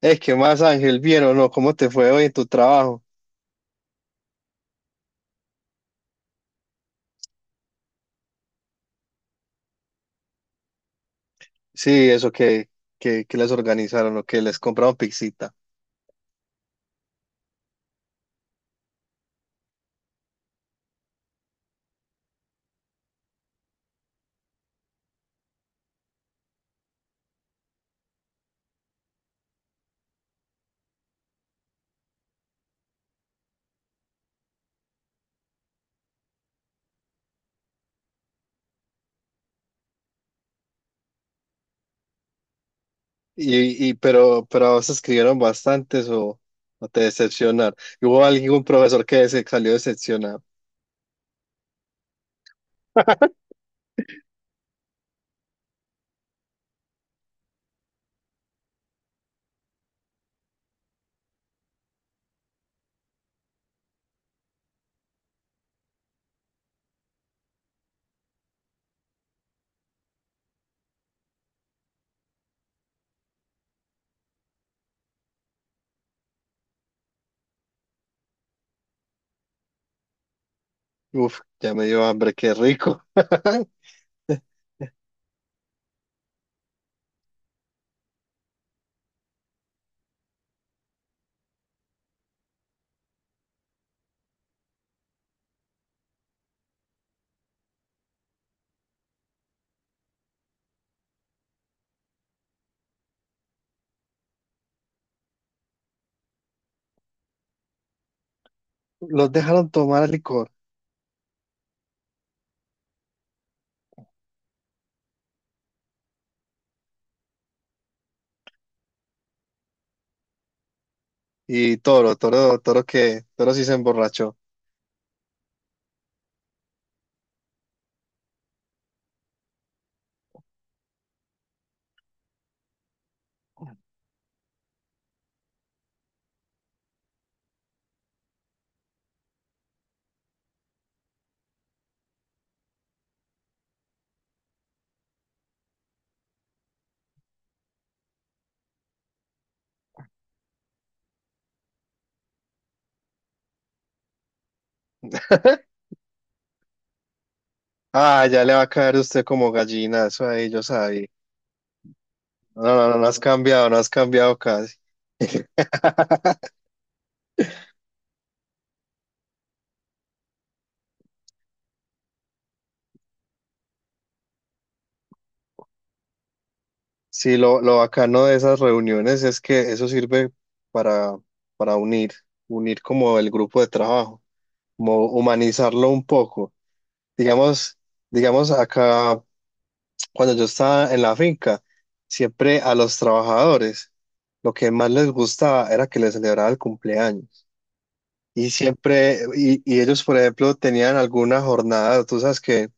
Es que más Ángel, bien o no, ¿cómo te fue hoy en tu trabajo? Sí, eso que les organizaron o que les compraron pixita. Pero a vos escribieron bastantes o te decepcionaron. ¿Hubo algún profesor que se salió decepcionado? Uf, ya me dio hambre, qué rico. Los dejaron tomar licor. Y Toro sí se emborrachó. Ah, ya le va a caer usted como gallina, eso ahí yo sabía. No, no, no, no has cambiado, no has cambiado casi. Sí, lo bacano de esas reuniones es que eso sirve para, para unir, unir como el grupo de trabajo, como humanizarlo un poco. Digamos, digamos acá, cuando yo estaba en la finca, siempre a los trabajadores, lo que más les gustaba era que les celebraba el cumpleaños. Y siempre, y ellos, por ejemplo, tenían alguna jornada, tú sabes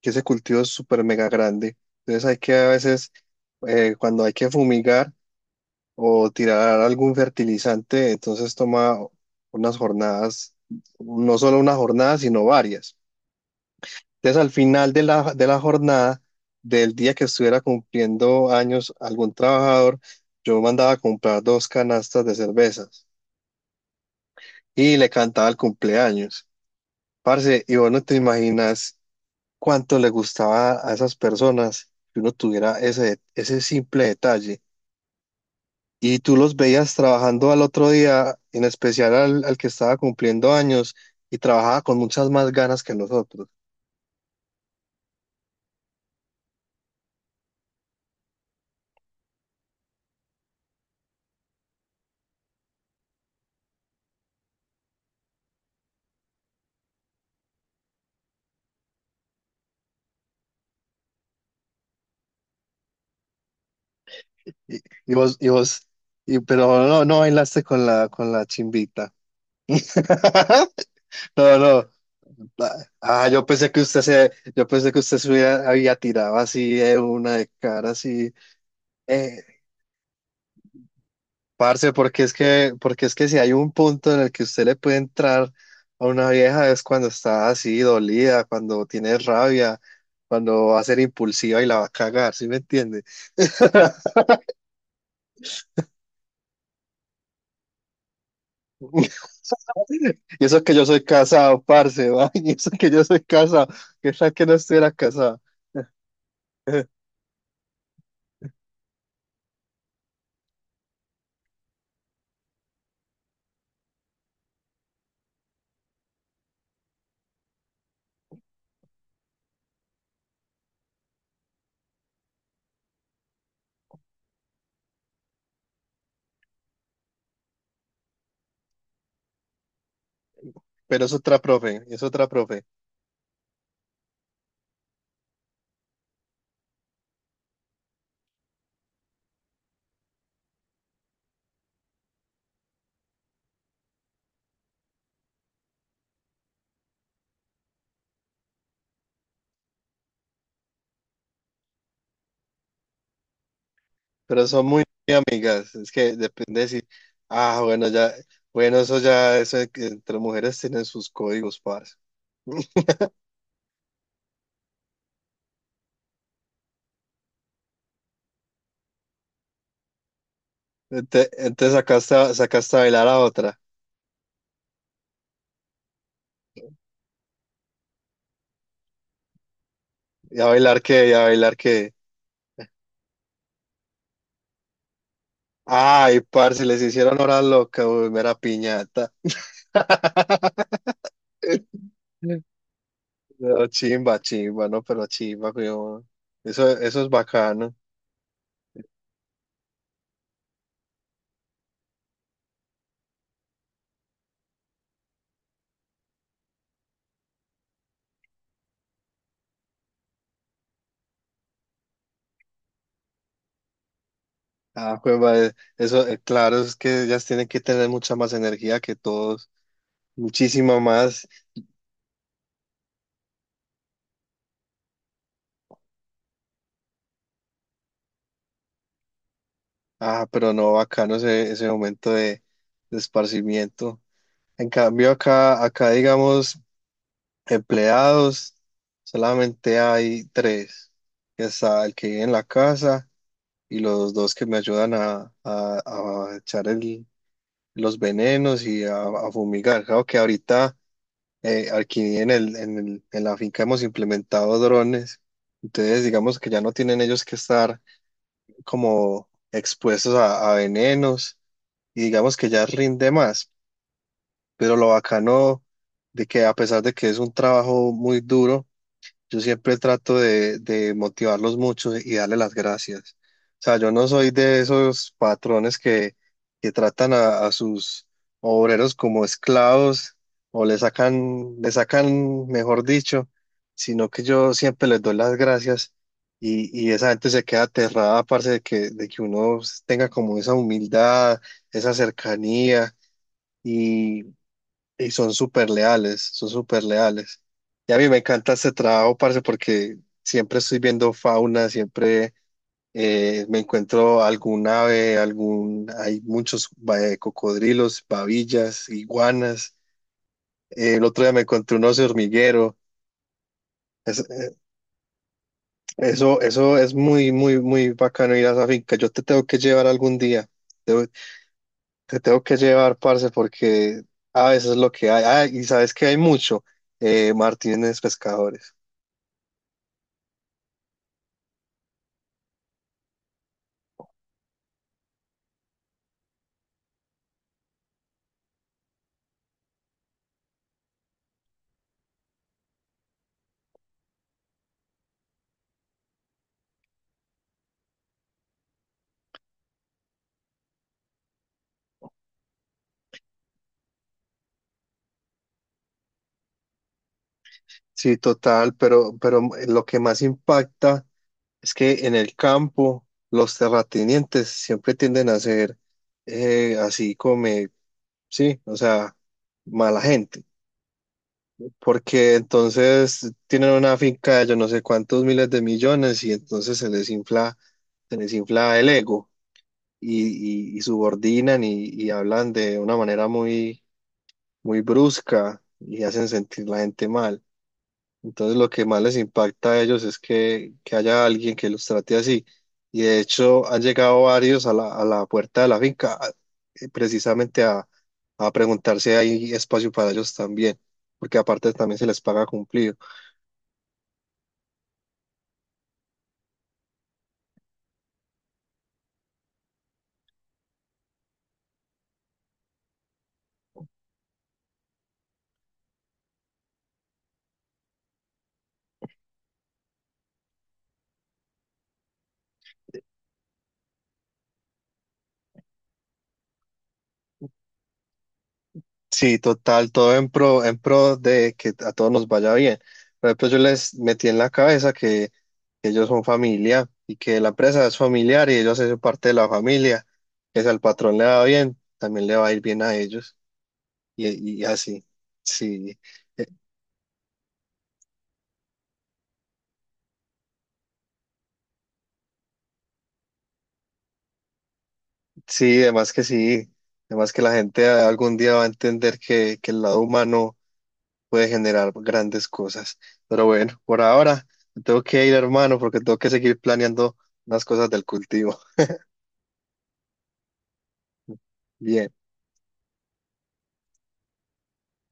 que ese cultivo es súper mega grande. Entonces hay que a veces, cuando hay que fumigar o tirar algún fertilizante, entonces toma unas jornadas, no solo una jornada, sino varias. Entonces al final de de la jornada, del día que estuviera cumpliendo años algún trabajador, yo mandaba a comprar dos canastas de cervezas y le cantaba el cumpleaños. Parce, y vos no te imaginas cuánto le gustaba a esas personas que uno tuviera ese, ese simple detalle. Y tú los veías trabajando al otro día, en especial al, al que estaba cumpliendo años, y trabajaba con muchas más ganas que nosotros. Y, y vos, y vos, y, pero no, no no bailaste con la chimbita. No, no. Ah, yo pensé que usted se, yo pensé que usted había tirado así de una de cara, así. eh, Parce, porque es que si hay un punto en el que usted le puede entrar a una vieja es cuando está así dolida, cuando tiene rabia, cuando va a ser impulsiva y la va a cagar, ¿sí me entiende? Y eso que yo soy casado, parce, va, y eso que yo soy casado, que tal que no estuviera casado. Pero es otra profe, es otra profe. Pero son muy amigas. Es que depende si. Ah, bueno, ya. Bueno, eso ya, eso de que entre mujeres tienen sus códigos, parce. Entonces sacaste, sacaste a bailar a otra. ¿Y a bailar qué? ¿Y a bailar qué? Ay, parce, les hicieron hora loca, uy, mera piñata. No, chimba, chimba, no, pero chimba, weón. Eso es bacano. Ah, pues, madre, eso, claro, es que ellas tienen que tener mucha más energía que todos, muchísima más. Ah, pero no, bacano ese, ese momento de esparcimiento. En cambio, acá, digamos, empleados, solamente hay tres. Que Está el que vive en la casa, y los dos que me ayudan a, a echar los venenos y a fumigar. Claro que ahorita aquí en el, en la finca hemos implementado drones, entonces digamos que ya no tienen ellos que estar como expuestos a venenos y digamos que ya rinde más, pero lo bacano de que a pesar de que es un trabajo muy duro, yo siempre trato de motivarlos mucho y darle las gracias. O sea, yo no soy de esos patrones que tratan a sus obreros como esclavos o le sacan, mejor dicho, sino que yo siempre les doy las gracias y esa gente se queda aterrada, parce, de que uno tenga como esa humildad, esa cercanía y son súper leales, son súper leales. Y a mí me encanta este trabajo, parce, porque siempre estoy viendo fauna, siempre me encuentro algún ave, algún, hay muchos cocodrilos, babillas, iguanas. El otro día me encontré un oso hormiguero. Es- eh, Eso, eso es muy, muy, muy bacano ir a esa finca. Yo te tengo que llevar algún día. Te, te tengo que llevar, parce, porque a veces es lo que hay. Ah, y sabes que hay mucho. Martínez Pescadores. Sí, total, pero lo que más impacta es que en el campo los terratenientes siempre tienden a ser así como, sí, o sea, mala gente, porque entonces tienen una finca de yo no sé cuántos miles de millones y entonces se les infla el ego y, y subordinan y hablan de una manera muy, muy brusca y hacen sentir la gente mal. Entonces lo que más les impacta a ellos es que haya alguien que los trate así. Y de hecho han llegado varios a la puerta de la finca precisamente a preguntar si hay espacio para ellos también, porque aparte también se les paga cumplido. Sí, total, todo en pro de que a todos nos vaya bien. Por ejemplo, yo les metí en la cabeza que ellos son familia y que la empresa es familiar y ellos hacen parte de la familia, que si al patrón le va bien, también le va a ir bien a ellos. Y así, sí, eh, sí, además que la gente algún día va a entender que el lado humano puede generar grandes cosas. Pero bueno, por ahora me tengo que ir, hermano, porque tengo que seguir planeando unas cosas del cultivo. Bien.